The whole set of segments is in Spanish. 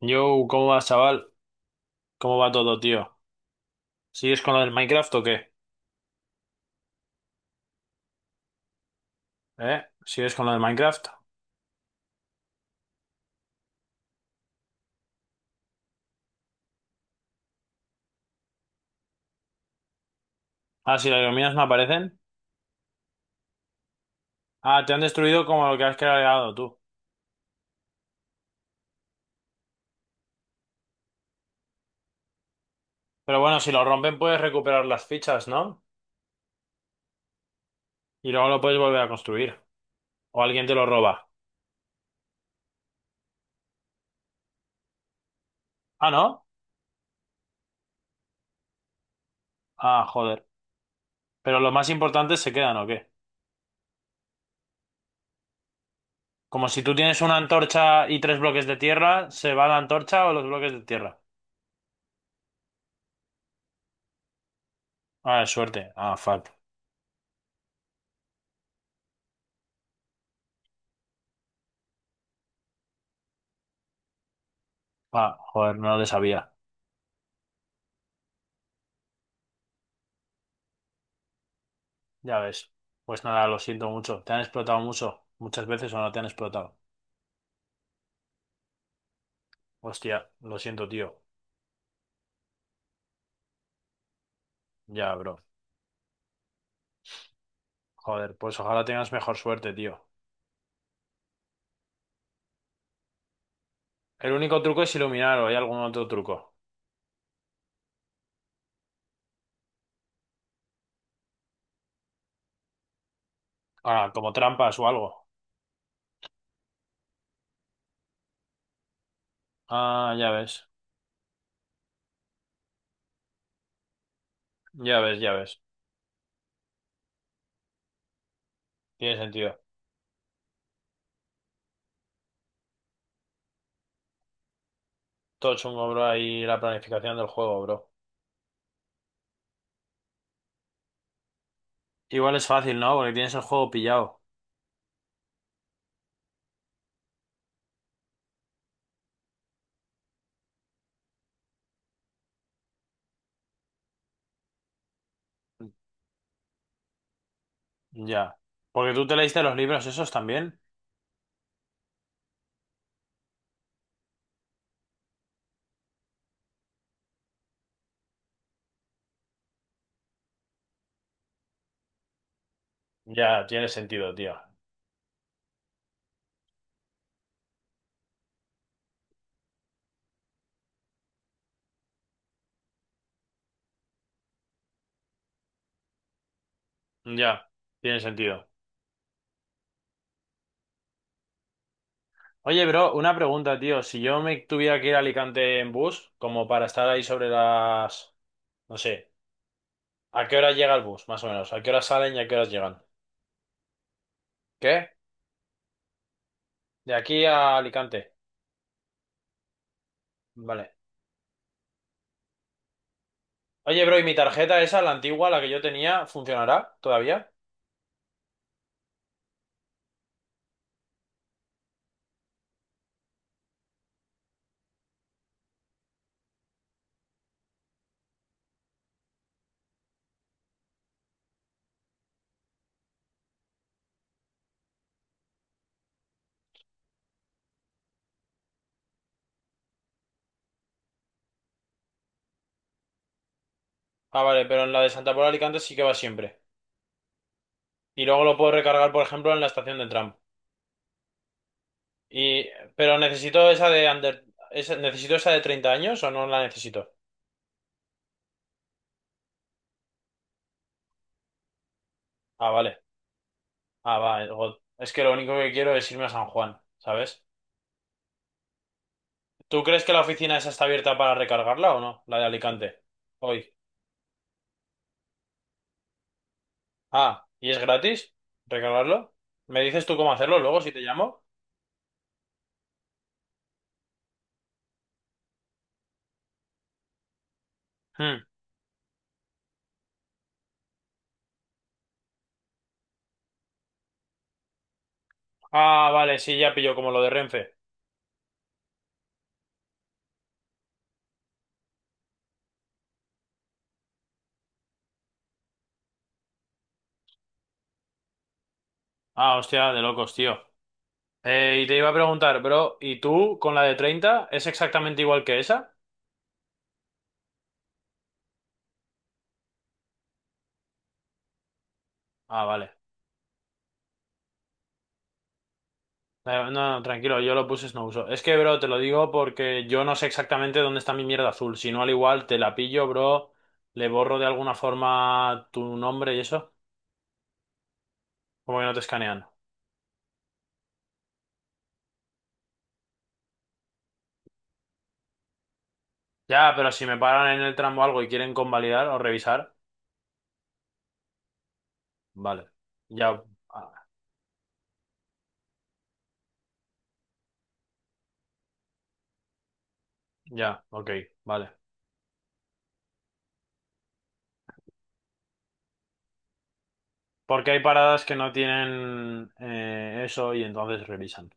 Yo, ¿cómo vas, chaval? ¿Cómo va todo, tío? ¿Sigues con lo del Minecraft o qué? ¿Eh? ¿Sigues con lo del Minecraft? Ah, si las iluminas no aparecen. Ah, te han destruido como lo que has creado tú. Pero bueno, si lo rompen puedes recuperar las fichas, ¿no? Y luego lo puedes volver a construir. O alguien te lo roba. Ah, ¿no? Ah, joder. Pero los más importantes se quedan, ¿o qué? Como si tú tienes una antorcha y tres bloques de tierra, ¿se va la antorcha o los bloques de tierra? Ah, es suerte. Ah, fuck. Ah, joder, no lo sabía. Ya ves. Pues nada, lo siento mucho. ¿Te han explotado mucho? ¿Muchas veces o no te han explotado? Hostia, lo siento, tío. Ya, bro. Joder, pues ojalá tengas mejor suerte, tío. El único truco es iluminar o hay algún otro truco. Ah, como trampas o algo. Ah, ya ves. Ya ves, ya ves. Tiene sentido. Todo chungo, bro, ahí la planificación del juego, bro. Igual es fácil, ¿no? Porque tienes el juego pillado. Ya. Porque tú te leíste los libros esos también. Ya, tiene sentido, tío. Ya, tiene sentido. Oye, bro, una pregunta, tío. Si yo me tuviera que ir a Alicante en bus, como para estar ahí sobre las... No sé, ¿a qué hora llega el bus, más o menos? ¿A qué hora salen y a qué horas llegan? ¿Qué? De aquí a Alicante. Vale. Oye, bro, ¿y mi tarjeta esa, la antigua, la que yo tenía, funcionará todavía? Ah, vale, pero en la de Santa Pola de Alicante sí que va siempre. Y luego lo puedo recargar, por ejemplo, en la estación de tram. Y... Pero necesito esa de under... ¿Necesito esa de 30 años o no la necesito? Ah, vale. Ah, va, God. Es que lo único que quiero es irme a San Juan, ¿sabes? ¿Tú crees que la oficina esa está abierta para recargarla o no? La de Alicante. Hoy. Ah, ¿y es gratis? ¿Recargarlo? ¿Me dices tú cómo hacerlo luego si te llamo? Hmm. Ah, vale, sí, ya pillo como lo de Renfe. Ah, hostia, de locos, tío. Y te iba a preguntar, bro, ¿y tú con la de 30 es exactamente igual que esa? Ah, vale. No, no, tranquilo, yo lo puse no uso. Es que, bro, te lo digo porque yo no sé exactamente dónde está mi mierda azul. Si no, al igual te la pillo, bro, le borro de alguna forma tu nombre y eso, como que no te escanean. Ya, pero si me paran en el tramo o algo y quieren convalidar o revisar, vale. Ya, ah, ya, ok, vale. Porque hay paradas que no tienen eso y entonces revisan.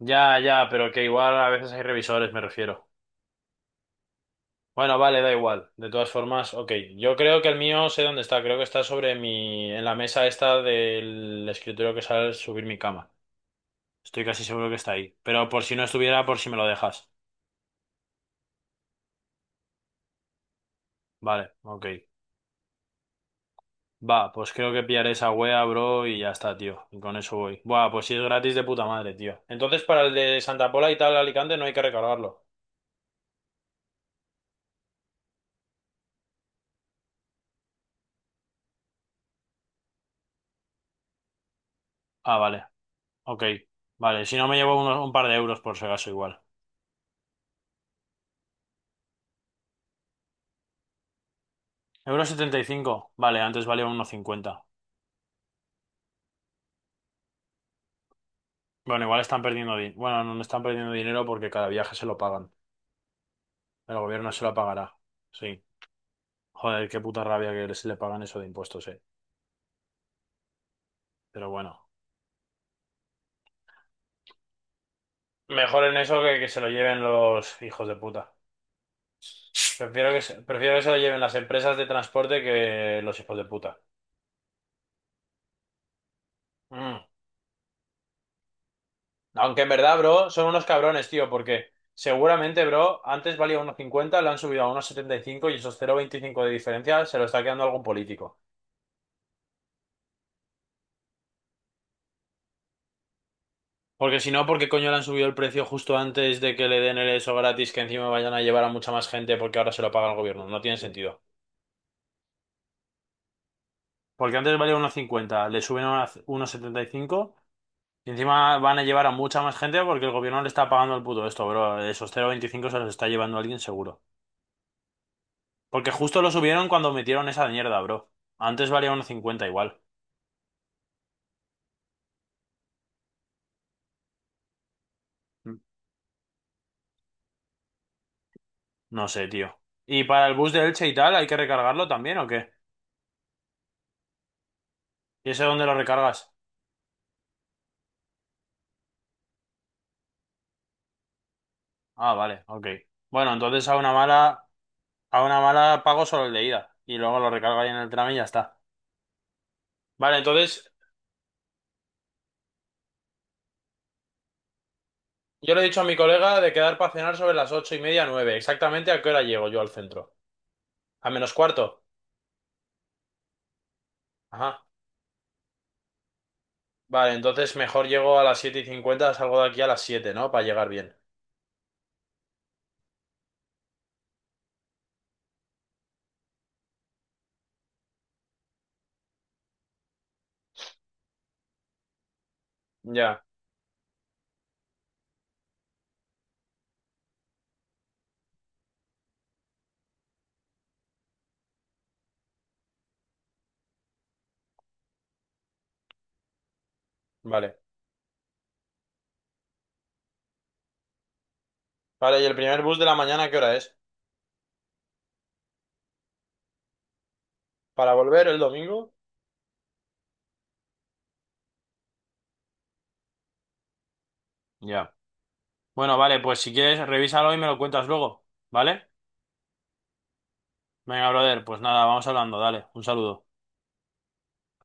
Ya, ya, pero que igual a veces hay revisores, me refiero. Bueno, vale, da igual. De todas formas, ok. Yo creo que el mío sé dónde está. Creo que está sobre mi... en la mesa esta del escritorio que sale al subir mi cama. Estoy casi seguro que está ahí. Pero por si no estuviera, por si me lo dejas. Vale, ok. Va, pues creo que pillaré esa wea, bro, y ya está, tío. Y con eso voy. Buah, pues si es gratis de puta madre, tío. Entonces para el de Santa Pola y tal, Alicante, no hay que recargarlo. Ah, vale. Ok. Vale, si no me llevo un par de euros por si acaso igual. 1,75 euros, vale, antes valía 1,50. Bueno, igual están perdiendo dinero. Bueno, no están perdiendo dinero porque cada viaje se lo pagan. El gobierno se lo pagará. Sí. Joder, qué puta rabia que se le pagan eso de impuestos, eh. Pero bueno. Mejor en eso que se lo lleven los hijos de puta. Prefiero que se lo lleven las empresas de transporte que los hijos de puta. Mm. Aunque en verdad, bro, son unos cabrones, tío, porque seguramente, bro, antes valía unos 50, lo han subido a unos 75 y esos 0,25 de diferencia se lo está quedando algún político. Porque si no, ¿por qué coño le han subido el precio justo antes de que le den el eso gratis que encima vayan a llevar a mucha más gente porque ahora se lo paga el gobierno? No tiene sentido. Porque antes valía 1,50 le suben a 1,75 y encima van a llevar a mucha más gente porque el gobierno le está pagando el puto esto, bro. Esos cero coma veinticinco se los está llevando alguien seguro. Porque justo lo subieron cuando metieron esa mierda, bro. Antes valía uno cincuenta igual. No sé, tío. ¿Y para el bus de Elche y tal, hay que recargarlo también o qué? ¿Y ese dónde lo recargas? Ah, vale, ok. Bueno, entonces a una mala... A una mala pago solo el de ida y luego lo recargo ahí en el tram y ya está. Vale, entonces yo le he dicho a mi colega de quedar para cenar sobre las 8:30, nueve. Exactamente a qué hora llego yo al centro. ¿A menos cuarto? Ajá. Vale, entonces mejor llego a las 7:50, salgo de aquí a las 7:00, ¿no? Para llegar bien. Ya, vale. Vale, ¿y el primer bus de la mañana qué hora es? ¿Para volver el domingo? Ya. Bueno, vale, pues si quieres, revísalo y me lo cuentas luego, ¿vale? Venga, brother, pues nada, vamos hablando, dale, un saludo.